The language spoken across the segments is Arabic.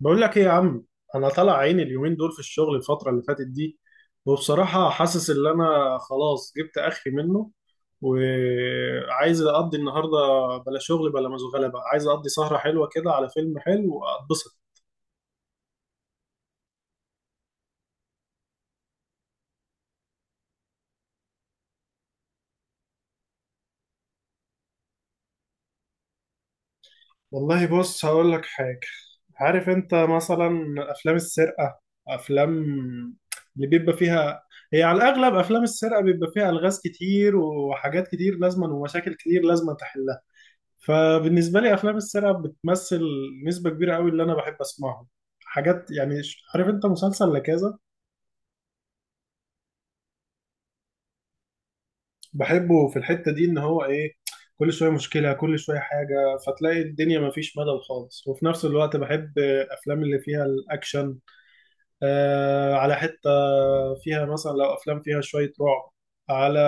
بقول لك ايه يا عم؟ انا طالع عيني اليومين دول في الشغل الفتره اللي فاتت دي، وبصراحه حاسس ان انا خلاص جبت اخري منه وعايز اقضي النهارده بلا شغل بلا مشغله، بقى عايز اقضي سهره حلوه كده على فيلم حلو واتبسط. والله بص هقول لك حاجة. عارف انت مثلا افلام السرقة، افلام اللي بيبقى فيها هي على الاغلب افلام السرقة بيبقى فيها الغاز كتير وحاجات كتير لازما ومشاكل كتير لازما. فبالنسبة لي أفلام السرقة بتمثل نسبة كبيرة قوي اللي أنا بحب أسمعه. حاجات يعني عارف أنت مسلسل لكذا. بحبه في الحتة دي إن هو إيه؟ كل شوية مشكلة كل شوية حاجة، فتلاقي الدنيا مفيش ملل خالص. وفي نفس الوقت بحب أفلام اللي فيها الأكشن. آه على حتة فيها مثلا، لو أفلام فيها شوية رعب، على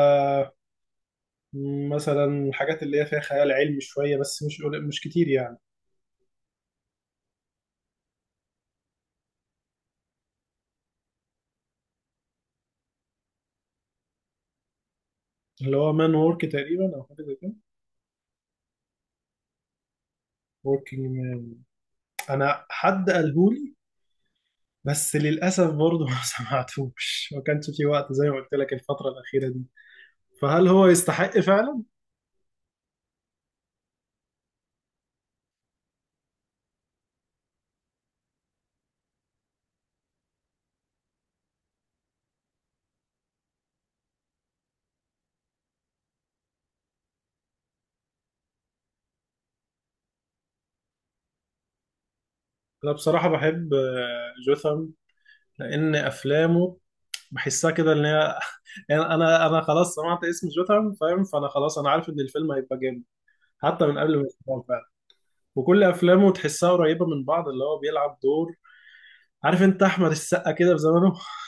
مثلا الحاجات اللي هي فيها خيال علمي شوية، بس مش كتير يعني. اللي هو مان وورك تقريبا أو حاجة زي كده. وركينج. انا حد قالهولي، بس للاسف برضه ما سمعتوش، ما كانش في وقت زي ما قلت لك الفتره الاخيره دي. فهل هو يستحق فعلا؟ انا بصراحه بحب جوثام، لان افلامه بحسها كده ان هي يعني انا خلاص سمعت اسم جوثام فاهم، فانا خلاص انا عارف ان الفيلم هيبقى جامد، حتى من قبل ما يسمعه فعلا. وكل افلامه تحسها قريبه من بعض، اللي هو بيلعب دور. عارف انت احمد السقا كده في زمانه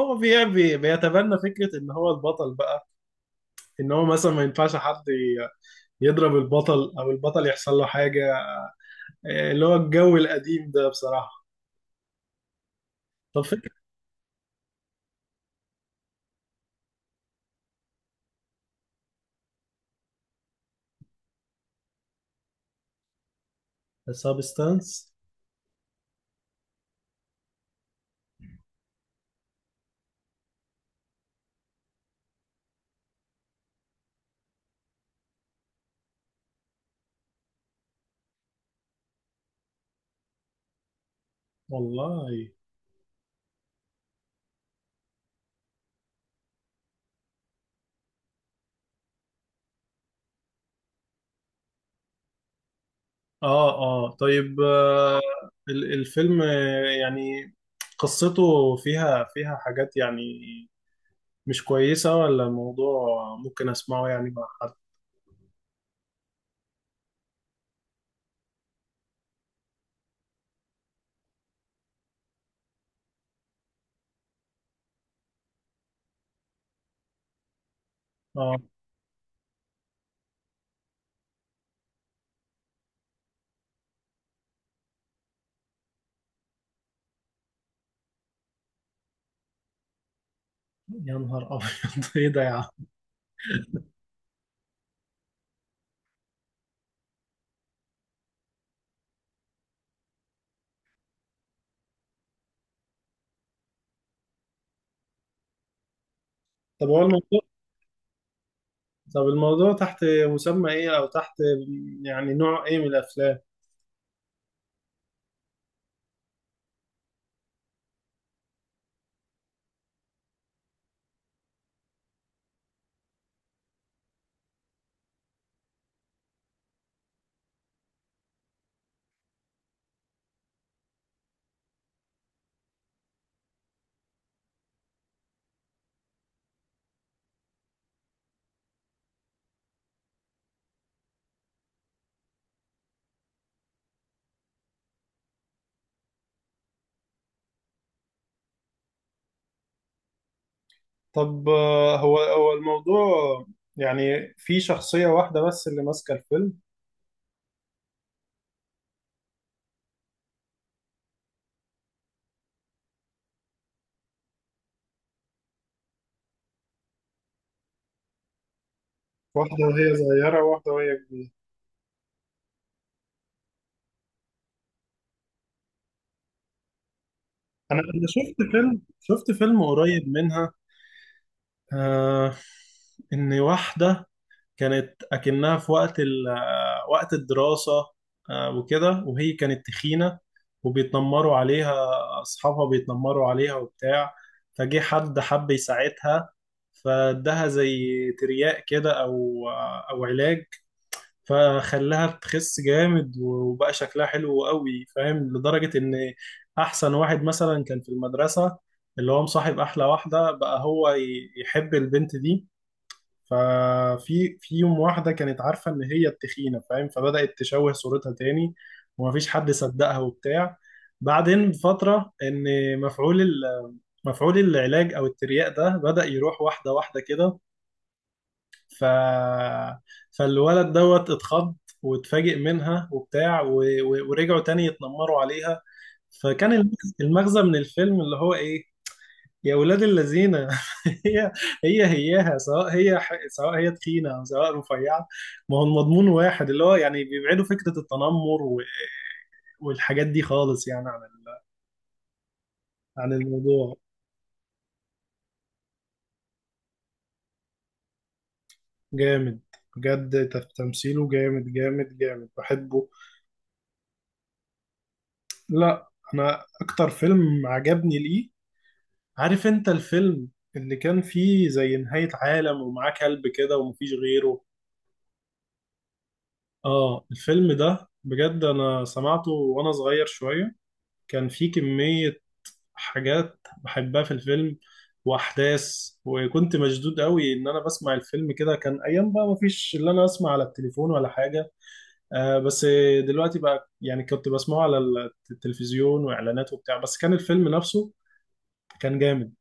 هو بيتبنى فكرة إن هو البطل بقى، ان هو مثلا ما ينفعش حد يضرب البطل او البطل يحصل له حاجه. اللي هو الجو القديم ده بصراحه. طب فكره. سابستانس. والله. اه اه طيب. الفيلم يعني قصته فيها حاجات يعني مش كويسه؟ ولا الموضوع ممكن اسمعه يعني مع حد؟ اه. يا نهار ابيض ايه ده يا عم؟ طب هو الموضوع. طب الموضوع تحت مسمى ايه، او تحت يعني نوع ايه من الافلام؟ طب هو الموضوع يعني في شخصية واحدة بس اللي ماسكة الفيلم؟ واحدة وهي صغيرة وواحدة وهي كبيرة. أنا شفت فيلم قريب منها. آه، إن واحدة كانت أكنها في وقت ال آه، وقت الدراسة. آه وكده، وهي كانت تخينة وبيتنمروا عليها، أصحابها بيتنمروا عليها وبتاع. فجه حد حب يساعدها، فادها زي ترياق كده، أو أو علاج. فخلاها تخس جامد وبقى شكلها حلو قوي فاهم. لدرجة ان احسن واحد مثلا كان في المدرسة، اللي هو مصاحب احلى واحدة بقى، هو يحب البنت دي. في يوم، واحدة كانت عارفة ان هي التخينة فاهم، فبدأت تشوه صورتها تاني، ومفيش حد صدقها وبتاع. بعدين بفترة ان مفعول ال- مفعول العلاج او الترياق ده بدأ يروح واحدة واحدة كده. ف... فالولد دوت اتخض واتفاجئ منها وبتاع ورجعوا تاني يتنمروا عليها. فكان المغزى من الفيلم اللي هو ايه؟ يا ولاد الذين هي هي هياها، سواء هي تخينه او سواء رفيعه، ما هو المضمون واحد. اللي هو يعني بيبعدوا فكره التنمر والحاجات دي خالص يعني عن الموضوع. جامد، بجد تمثيله جامد جامد جامد بحبه. لا، انا اكتر فيلم عجبني ليه؟ عارف انت الفيلم اللي كان فيه زي نهاية عالم ومعاه كلب كده ومفيش غيره. اه الفيلم ده بجد انا سمعته وانا صغير شوية. كان فيه كمية حاجات بحبها في الفيلم واحداث، وكنت مشدود قوي ان انا بسمع الفيلم كده. كان ايام بقى مفيش اللي انا اسمع على التليفون ولا حاجة، آه بس دلوقتي بقى. يعني كنت بسمعه على التلفزيون واعلانات وبتاع، بس كان الفيلم نفسه كان جامد.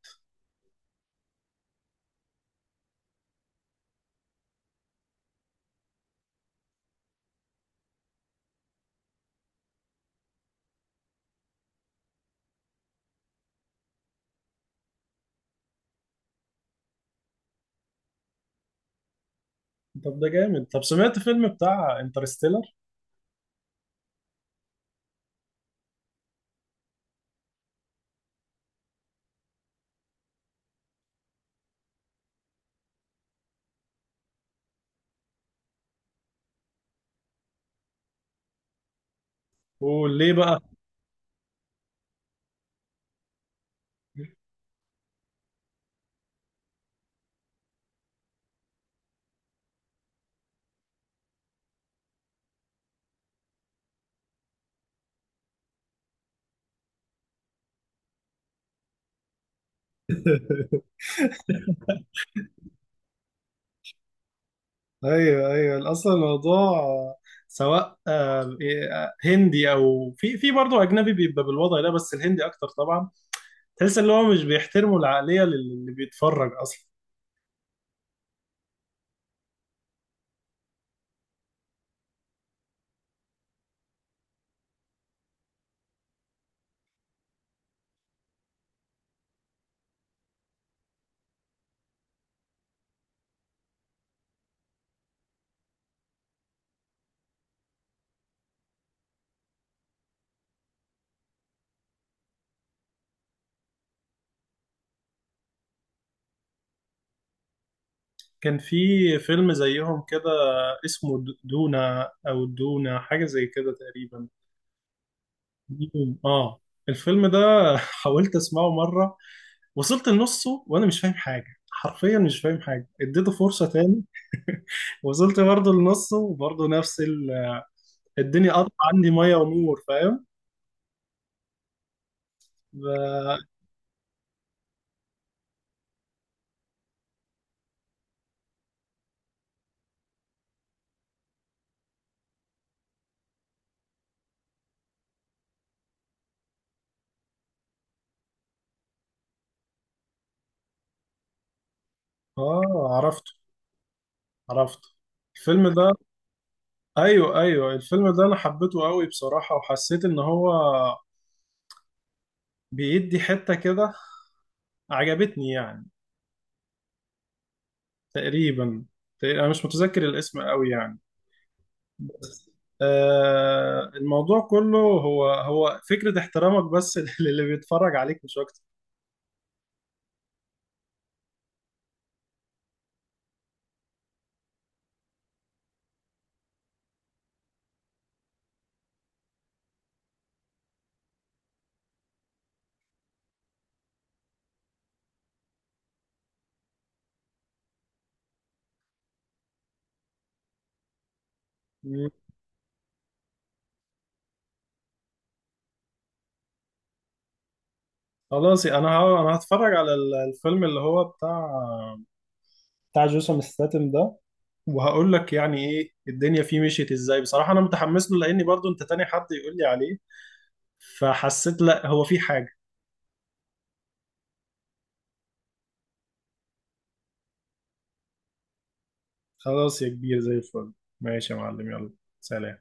طب ده جامد. طب سمعت فيلم بتاع انترستيلر. قول ليه بقى. ايوه ايوه. اصلا الموضوع سواء إيه، هندي او في برضه اجنبي بيبقى بالوضع ده، بس الهندي اكتر طبعا. تحس ان هو مش بيحترموا العقليه اللي بيتفرج اصلا. كان في فيلم زيهم كده اسمه دونا، او دونا حاجه زي كده تقريبا. دوم. اه. الفيلم ده حاولت اسمعه مره، وصلت لنصه وانا مش فاهم حاجه، حرفيا مش فاهم حاجه، اديته فرصه تاني وصلت برضه لنصه وبرضه نفس الدنيا قطع عندي ميه ونور فاهم. ف- اه عرفته، عرفته الفيلم ده. ايوه ايوه الفيلم ده انا حبيته قوي بصراحه، وحسيت ان هو بيدي حته كده، عجبتني يعني. تقريبا، انا مش متذكر الاسم قوي يعني. آه الموضوع كله هو فكره احترامك بس للي بيتفرج عليك مش اكتر. خلاص انا انا هتفرج على الفيلم اللي هو بتاع جيسون ستاتم ده، وهقول لك يعني ايه الدنيا فيه مشيت ازاي. بصراحة انا متحمس له لاني برضو انت تاني حد يقول لي عليه، فحسيت لا هو في حاجة. خلاص يا كبير زي الفل. ماشي يا معلم، يلا. سلام.